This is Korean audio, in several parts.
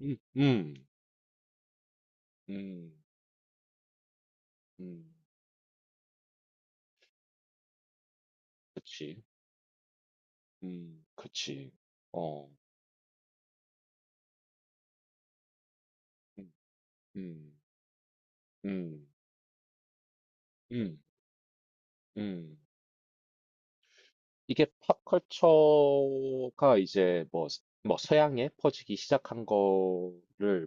음, 음, 음, 음, 그치, 그치, 어, 음, 음, 음, 음, 음. 이게 팝컬처가 이제 뭐, 뭐 서양에 퍼지기 시작한 거를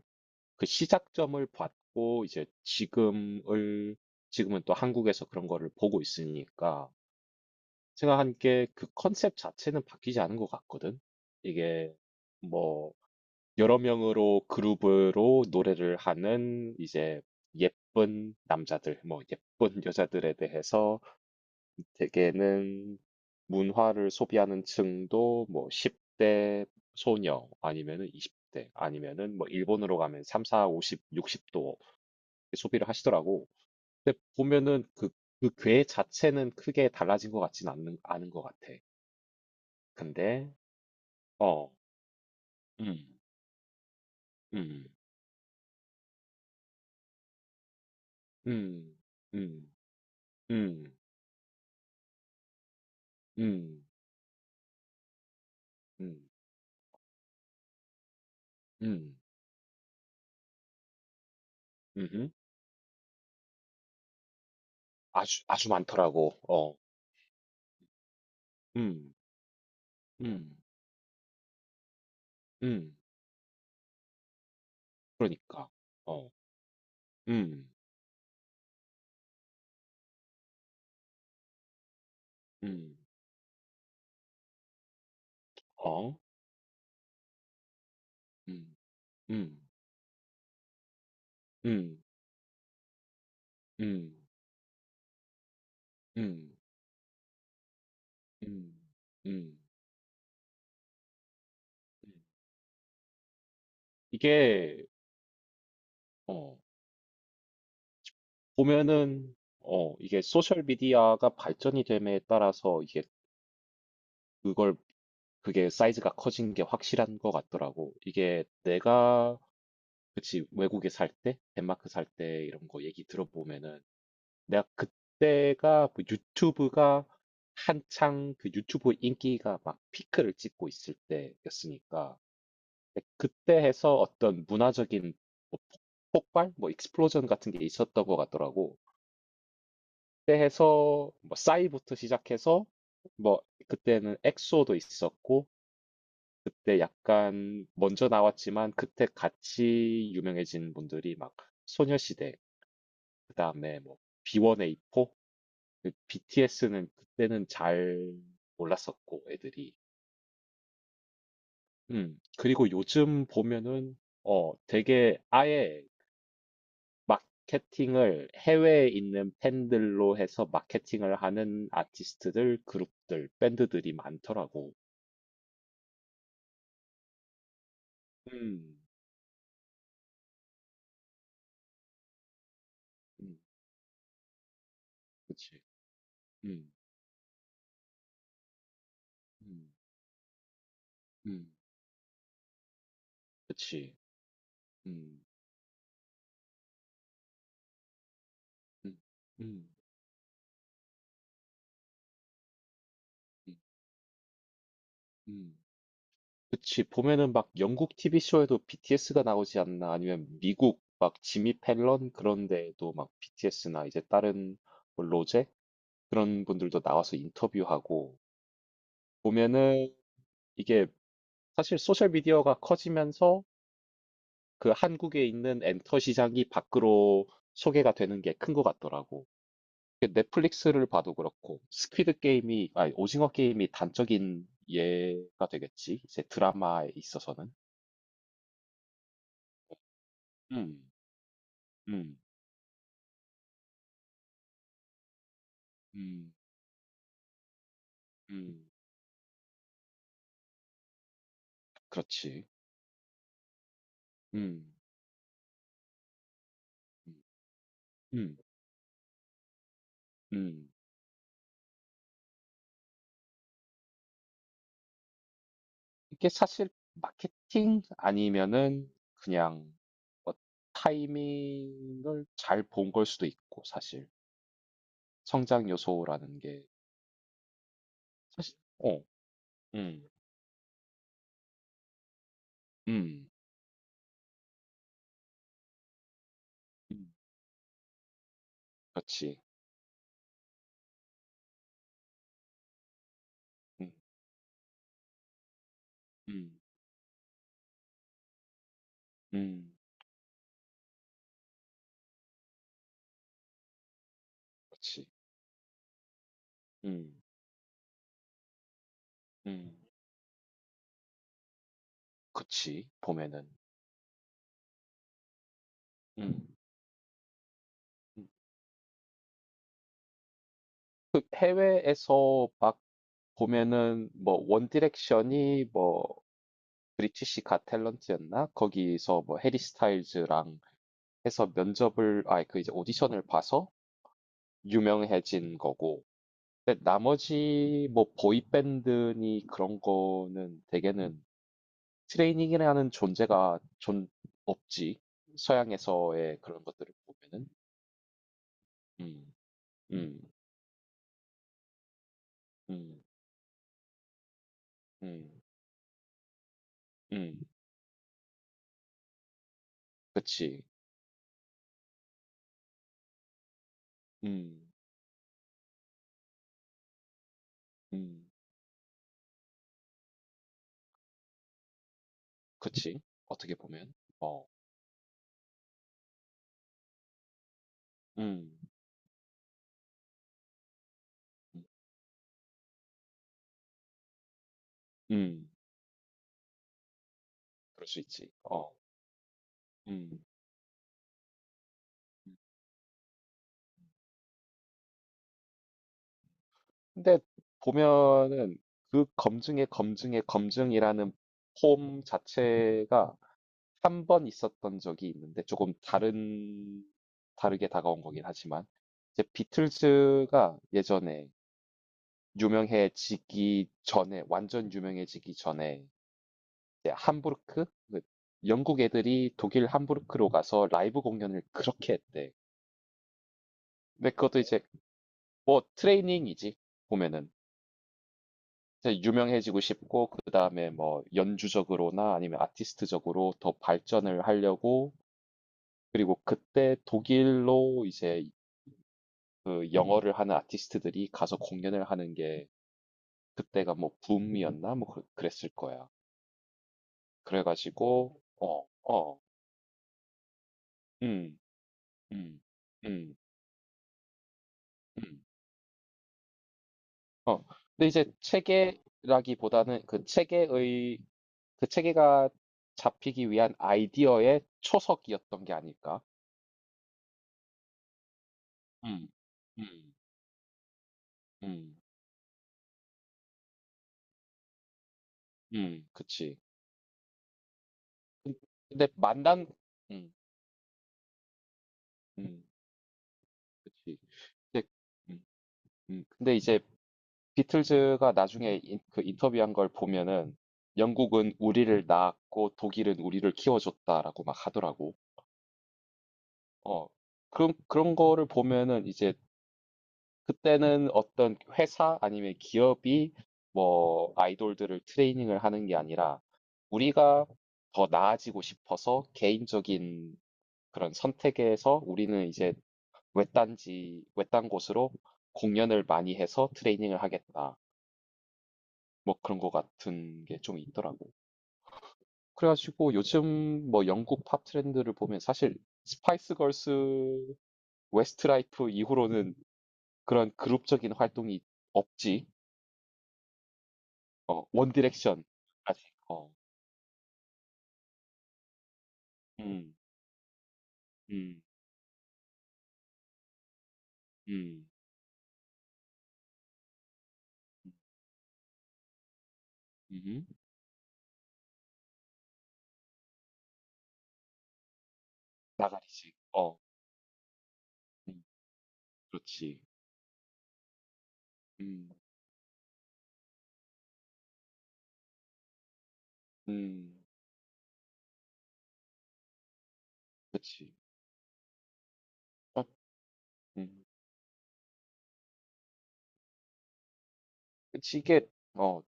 그 시작점을 봤고 이제 지금을, 지금은 또 한국에서 그런 거를 보고 있으니까 생각한 게, 그 컨셉 자체는 바뀌지 않은 것 같거든. 이게 뭐 여러 명으로 그룹으로 노래를 하는, 이제 예쁜 남자들, 뭐 예쁜 여자들에 대해서 대개는 문화를 소비하는 층도 뭐 10대 소녀 아니면은 20대 아니면은 뭐 일본으로 가면 3, 4, 50, 60도 소비를 하시더라고. 근데 보면은 그, 그 괴 자체는 크게 달라진 것 같진 않은 것 같아. 근데, 어, 음, 음, 음, 음, 음, 음. 음. 음. 음음. 아주 아주 많더라고. 어. 음. 음. 음. 그러니까. 어. 음. 음. 어. 음. 음. 음. 음. 음. 음. 음. 이게 어 보면은 이게 소셜 미디어가 발전이 됨에 따라서, 이게 그걸 그게 사이즈가 커진 게 확실한 것 같더라고. 이게 내가, 그치, 외국에 살 때, 덴마크 살 때 이런 거 얘기 들어보면은, 내가 그때가, 그 유튜브가 한창 그 유튜브 인기가 막 피크를 찍고 있을 때였으니까. 근데 그때 해서 어떤 문화적인 뭐 폭발, 뭐 익스플로전 같은 게 있었던 것 같더라고. 그때 해서 뭐 싸이부터 시작해서, 뭐 그때는 엑소도 있었고, 그때 약간 먼저 나왔지만 그때 같이 유명해진 분들이 막 소녀시대, 그다음에 뭐 B1A4. 그 BTS는 그때는 잘 몰랐었고 애들이. 음. 그리고 요즘 보면은 되게 아예 마케팅을 해외에 있는 팬들로 해서 마케팅을 하는 아티스트들, 그룹들, 밴드들이 많더라고. 음. 음. 그치. 음. 음. 음. 그치. 음. 음. 음. 음. 음. 그치, 보면은 막 영국 TV쇼에도 BTS가 나오지 않나, 아니면 미국 막 지미 펠런 그런 데에도 막 BTS나 이제 다른 뭐 로제? 그런 분들도 나와서 인터뷰하고. 보면은 이게 사실 소셜미디어가 커지면서 그 한국에 있는 엔터 시장이 밖으로 소개가 되는 게 큰 것 같더라고. 그 넷플릭스를 봐도 그렇고, 스퀴드 게임이, 아니, 오징어 게임이 단적인 예가 되겠지, 이제 드라마에 있어서는. 음, 음, 음. 음. 그렇지. 음. 음. 음. 음. 이게 사실 마케팅 아니면은, 그냥 뭐 타이밍을 잘 본 걸 수도 있고. 사실 성장 요소라는 게, 사실 어. 음. 음. 음. 그렇지. 음. 음. 음. 그렇지. 음. 음. 그렇지. 보면은 음. 음. 그 해외에서 막 보면은, 뭐 원디렉션이 뭐 브리티시 갓 탤런트였나? 거기서 뭐 해리 스타일즈랑 해서 면접을, 아 그 이제 오디션을 봐서 유명해진 거고. 근데 나머지 뭐 보이밴드니 그런 거는 대개는 트레이닝이라는 존재가 존 없지. 서양에서의 그런 것들을 보면은. 음, 음, 음, 음, 음, 그치, 음, 음, 그치. 어떻게 보면, 어, 음, 음, 음. 그럴 수 있지. 어, 음. 음. 근데 보면은 그 검증의 검증의 검증이라는 폼 자체가 한 번 있었던 적이 있는데, 조금 다른 다르게 다가온 거긴 하지만, 이제 비틀즈가 예전에 유명해지기 전에, 완전 유명해지기 전에 이제 함부르크, 그 영국 애들이 독일 함부르크로 가서 라이브 공연을 그렇게 했대. 근데 그것도 이제 뭐 트레이닝이지. 보면은 이제 유명해지고 싶고, 그 다음에 뭐 연주적으로나 아니면 아티스트적으로 더 발전을 하려고. 그리고 그때 독일로 이제 그 영어를 하는 아티스트들이 가서 공연을 하는 게, 그때가 뭐 붐이었나? 뭐 그랬을 거야. 그래가지고, 음, 음, 음, 음, 어. 근데 이제 체계라기보다는 그 체계의, 그 체계가 잡히기 위한 아이디어의 초석이었던 게 아닐까? 음, 음. 음. 음. 그치. 근- 근데 만난, 음. 음. 그치. 근데 음. 음. 근데 이제 비틀즈가 나중에 그 인터뷰한 걸 보면은, 영국은 우리를 낳았고 독일은 우리를 키워줬다라고 막 하더라고. 어. 그런 그런 거를 보면은 이제, 그때는 어떤 회사 아니면 기업이 뭐 아이돌들을 트레이닝을 하는 게 아니라, 우리가 더 나아지고 싶어서 개인적인 그런 선택에서 우리는 이제 외딴 곳으로 공연을 많이 해서 트레이닝을 하겠다, 뭐 그런 거 같은 게 좀 있더라고. 그래가지고 요즘 뭐 영국 팝 트렌드를 보면, 사실 스파이스 걸스, 웨스트라이프 이후로는 그런 그룹적인 활동이 없지. 어, 원 디렉션. 아직, 어, 음, 음, 음, 음, 음. 나가리지. 어, 음, 그렇지. 음, 음, 그렇지. 어, 음. 그치, 이게, 어,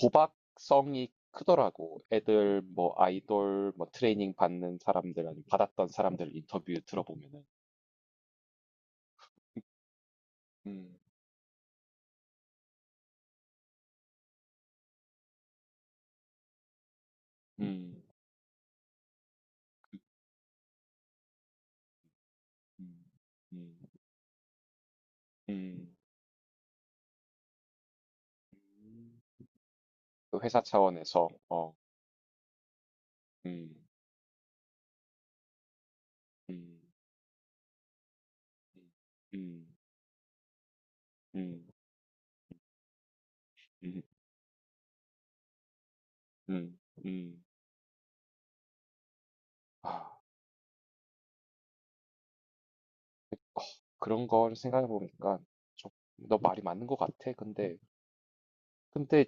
도박성이 크더라고. 애들 뭐 아이돌 뭐 트레이닝 받는 사람들 아니면 받았던 사람들 인터뷰 들어보면은. 음, 음, 음, 음, 음. 그 회사 차원에서, 어, 음, 음, 음, 음, 음, 음, 음. 아, 어, 그런 걸 생각해 보니까 너 말이 맞는 것 같아. 근데 근데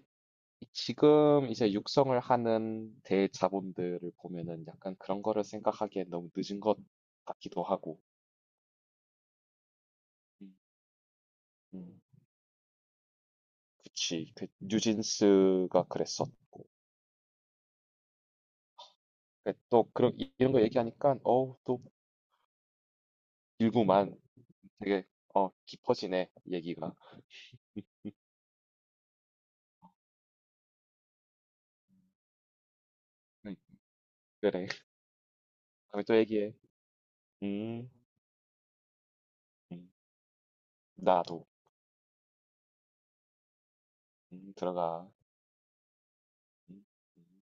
지금 이제 육성을 하는 대자본들을 보면은 약간 그런 거를 생각하기엔 너무 늦은 것 같기도 하고. 음, 음, 그치. 그 뉴진스가 그랬었고. 그또 그런 이런 거 얘기하니까 어우 또 일구만 되게 어 깊어지네 얘기가. 음, 그래. 다음에 또 얘기해. 음, 음, 나도. 들어가. 음, 음.